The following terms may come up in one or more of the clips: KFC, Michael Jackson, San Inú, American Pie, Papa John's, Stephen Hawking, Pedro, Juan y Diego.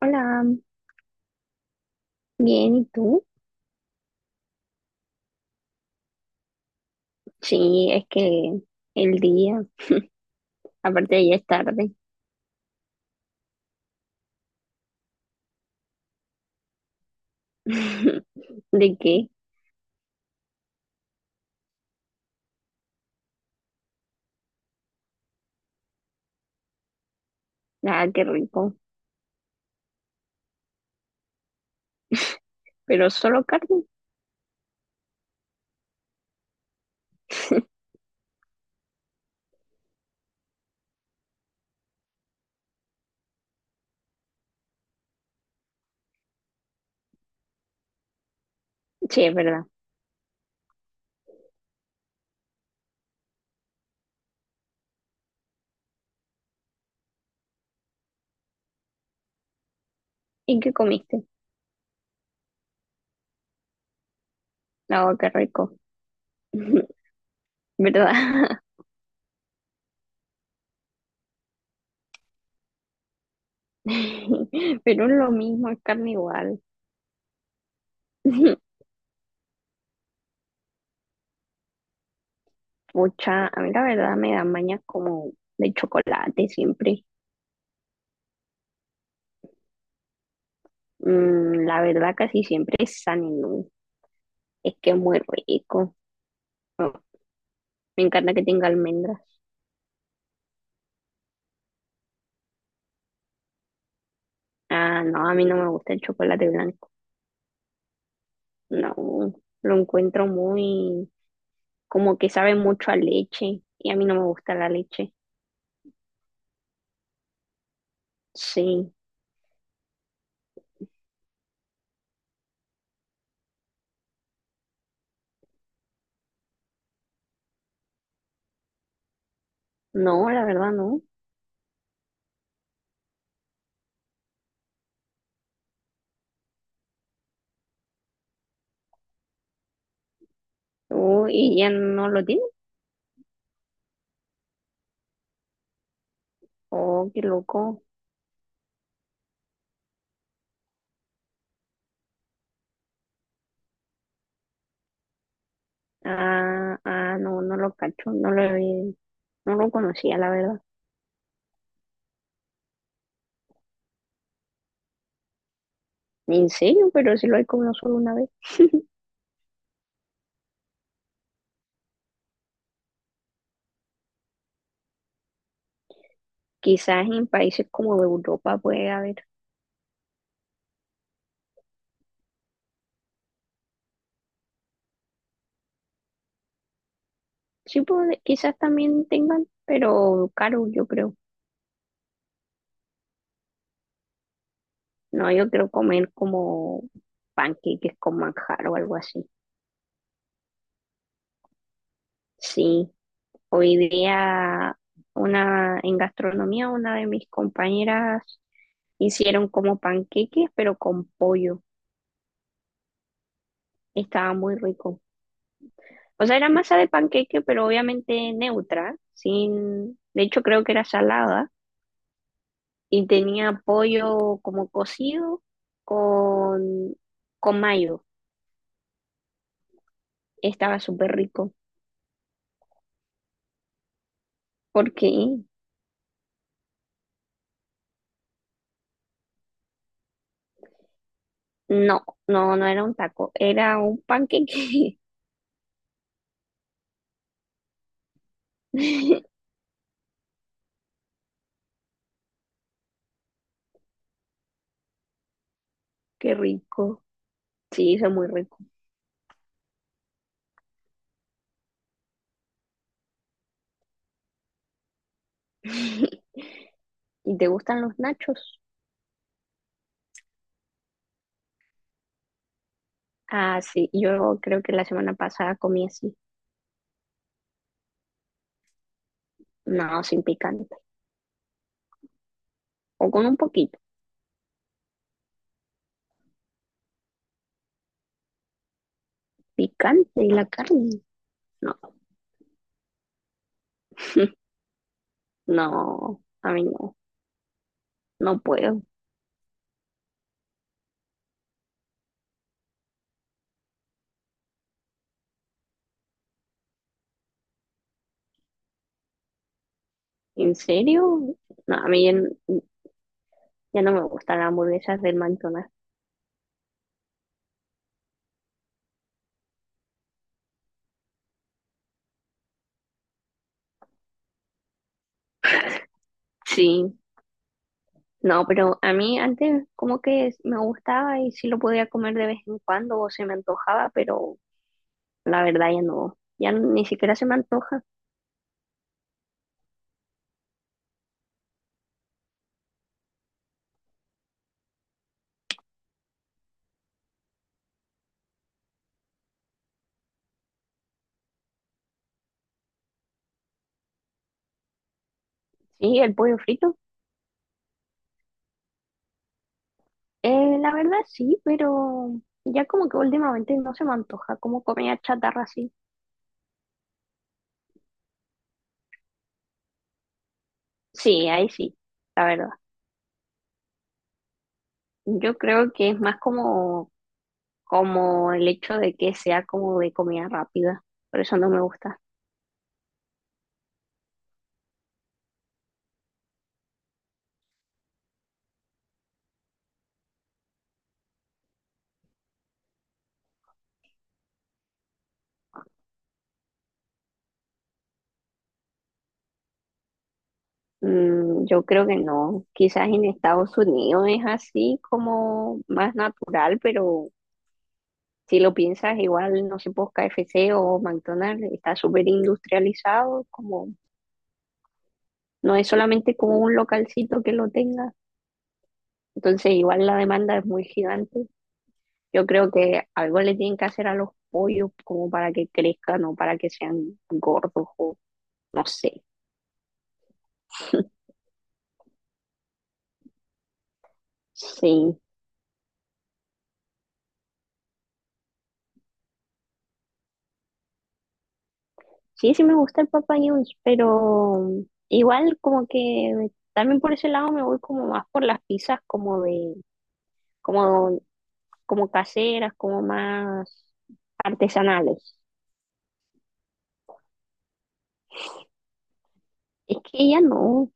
Hola, bien, ¿y tú? Sí, es que el día, aparte ya es tarde. ¿De qué? Ah, qué rico. Pero solo carne. Sí, es verdad. ¿Y qué comiste? Ah, qué rico. ¿Verdad? Pero es lo mismo, es carne igual. Pucha, a mí la verdad me dan mañas como de chocolate siempre. La verdad casi siempre es San Inú. Es que es muy rico. Oh, me encanta que tenga almendras. Ah, no, a mí no me gusta el chocolate blanco. No, lo encuentro muy, como que sabe mucho a leche y a mí no me gusta la leche. Sí, no, la verdad no. Oh, ¿y ya no lo tiene? Oh, qué loco. Ah, ah, no, no lo cacho, no lo, no lo conocía, la verdad. En serio, pero sí lo he comido solo una vez. Quizás en países como de Europa puede haber. Sí, puede, quizás también tengan, pero caro, yo creo. No, yo quiero comer como panqueques con manjar o algo así. Sí, hoy día una en gastronomía una de mis compañeras hicieron como panqueques pero con pollo. Estaba muy rico. O sea, era masa de panqueque, pero obviamente neutra, sin, de hecho creo que era salada y tenía pollo como cocido con con mayo. Estaba súper rico. ¿Por qué? No, no, no era un taco, era un panqueque. Qué rico. Sí, eso es muy rico. ¿Y te gustan los nachos? Ah, sí, yo creo que la semana pasada comí así. No, sin picante. O con un poquito. Picante y la carne. No, no, a mí no, no puedo. ¿En serio? No, a mí ya, ya no me gustan las hamburguesas del McDonald's. Sí, no, pero a mí antes como que me gustaba y sí lo podía comer de vez en cuando o se me antojaba, pero la verdad ya no, ya ni siquiera se me antoja. Sí, el pollo frito, la verdad sí, pero ya como que últimamente no se me antoja como comida chatarra así. Sí, ahí sí, la verdad. Yo creo que es más como, como el hecho de que sea como de comida rápida, por eso no me gusta. Yo creo que no. Quizás en Estados Unidos es así como más natural, pero si lo piensas, igual, no sé, pues KFC o McDonald's está súper industrializado, como no es solamente como un localcito que lo tenga. Entonces, igual la demanda es muy gigante. Yo creo que algo le tienen que hacer a los pollos como para que crezcan o para que sean gordos o no sé. Sí. Sí, sí me gusta el Papa John's, pero igual como que también por ese lado me voy como más por las pizzas como de, como, como caseras, como más artesanales. Es que ya no,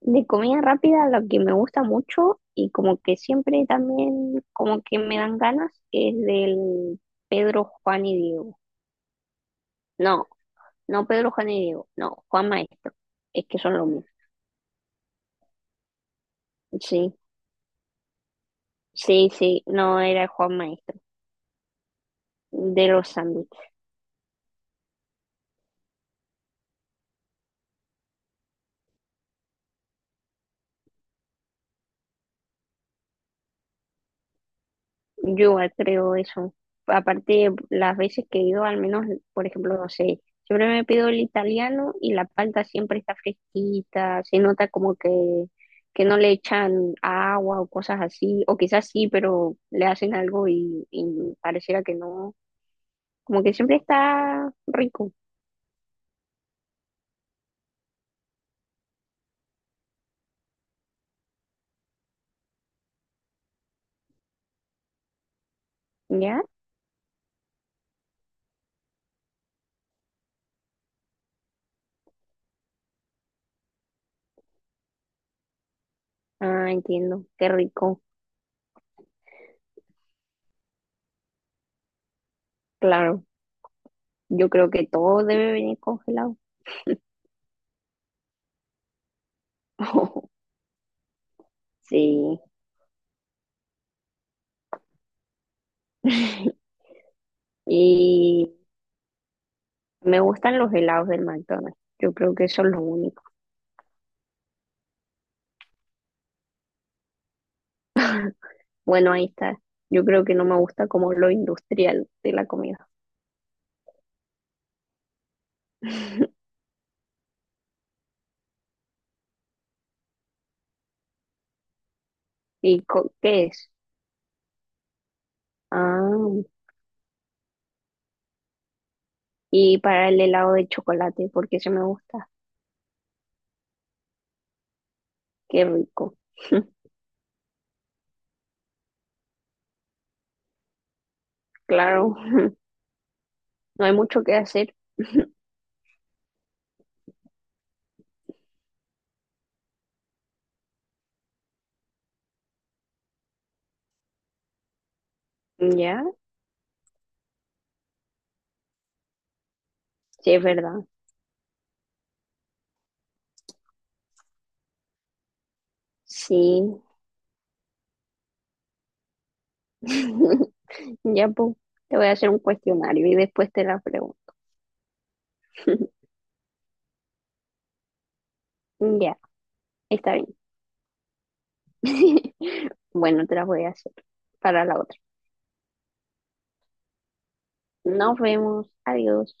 de comida rápida lo que me gusta mucho y como que siempre también como que me dan ganas es del Pedro, Juan y Diego. No, no Pedro, Juan y Diego, no, Juan Maestro. Es que son lo mismo. Sí, sí, sí, no era Juan Maestro. De los sándwiches. Yo igual creo eso. Aparte, las veces que he ido, al menos, por ejemplo, no sé, siempre me pido el italiano y la palta siempre está fresquita, se nota como que no le echan agua o cosas así, o quizás sí, pero le hacen algo y pareciera que no, como que siempre está rico, ¿ya? Ah, entiendo, qué rico, claro. Yo creo que todo debe venir congelado. Sí, y me gustan los helados del McDonald's. Yo creo que eso es lo único. Bueno, ahí está. Yo creo que no me gusta como lo industrial de la comida. ¿Y co- qué es? Ah, y para el helado de chocolate, porque ese me gusta. Qué rico. Claro, no hay mucho que hacer. Ya, sí, es verdad. Sí. Ya, pues, te voy a hacer un cuestionario y después te la pregunto. Ya, está bien. Bueno, te la voy a hacer para la otra. Nos vemos. Adiós.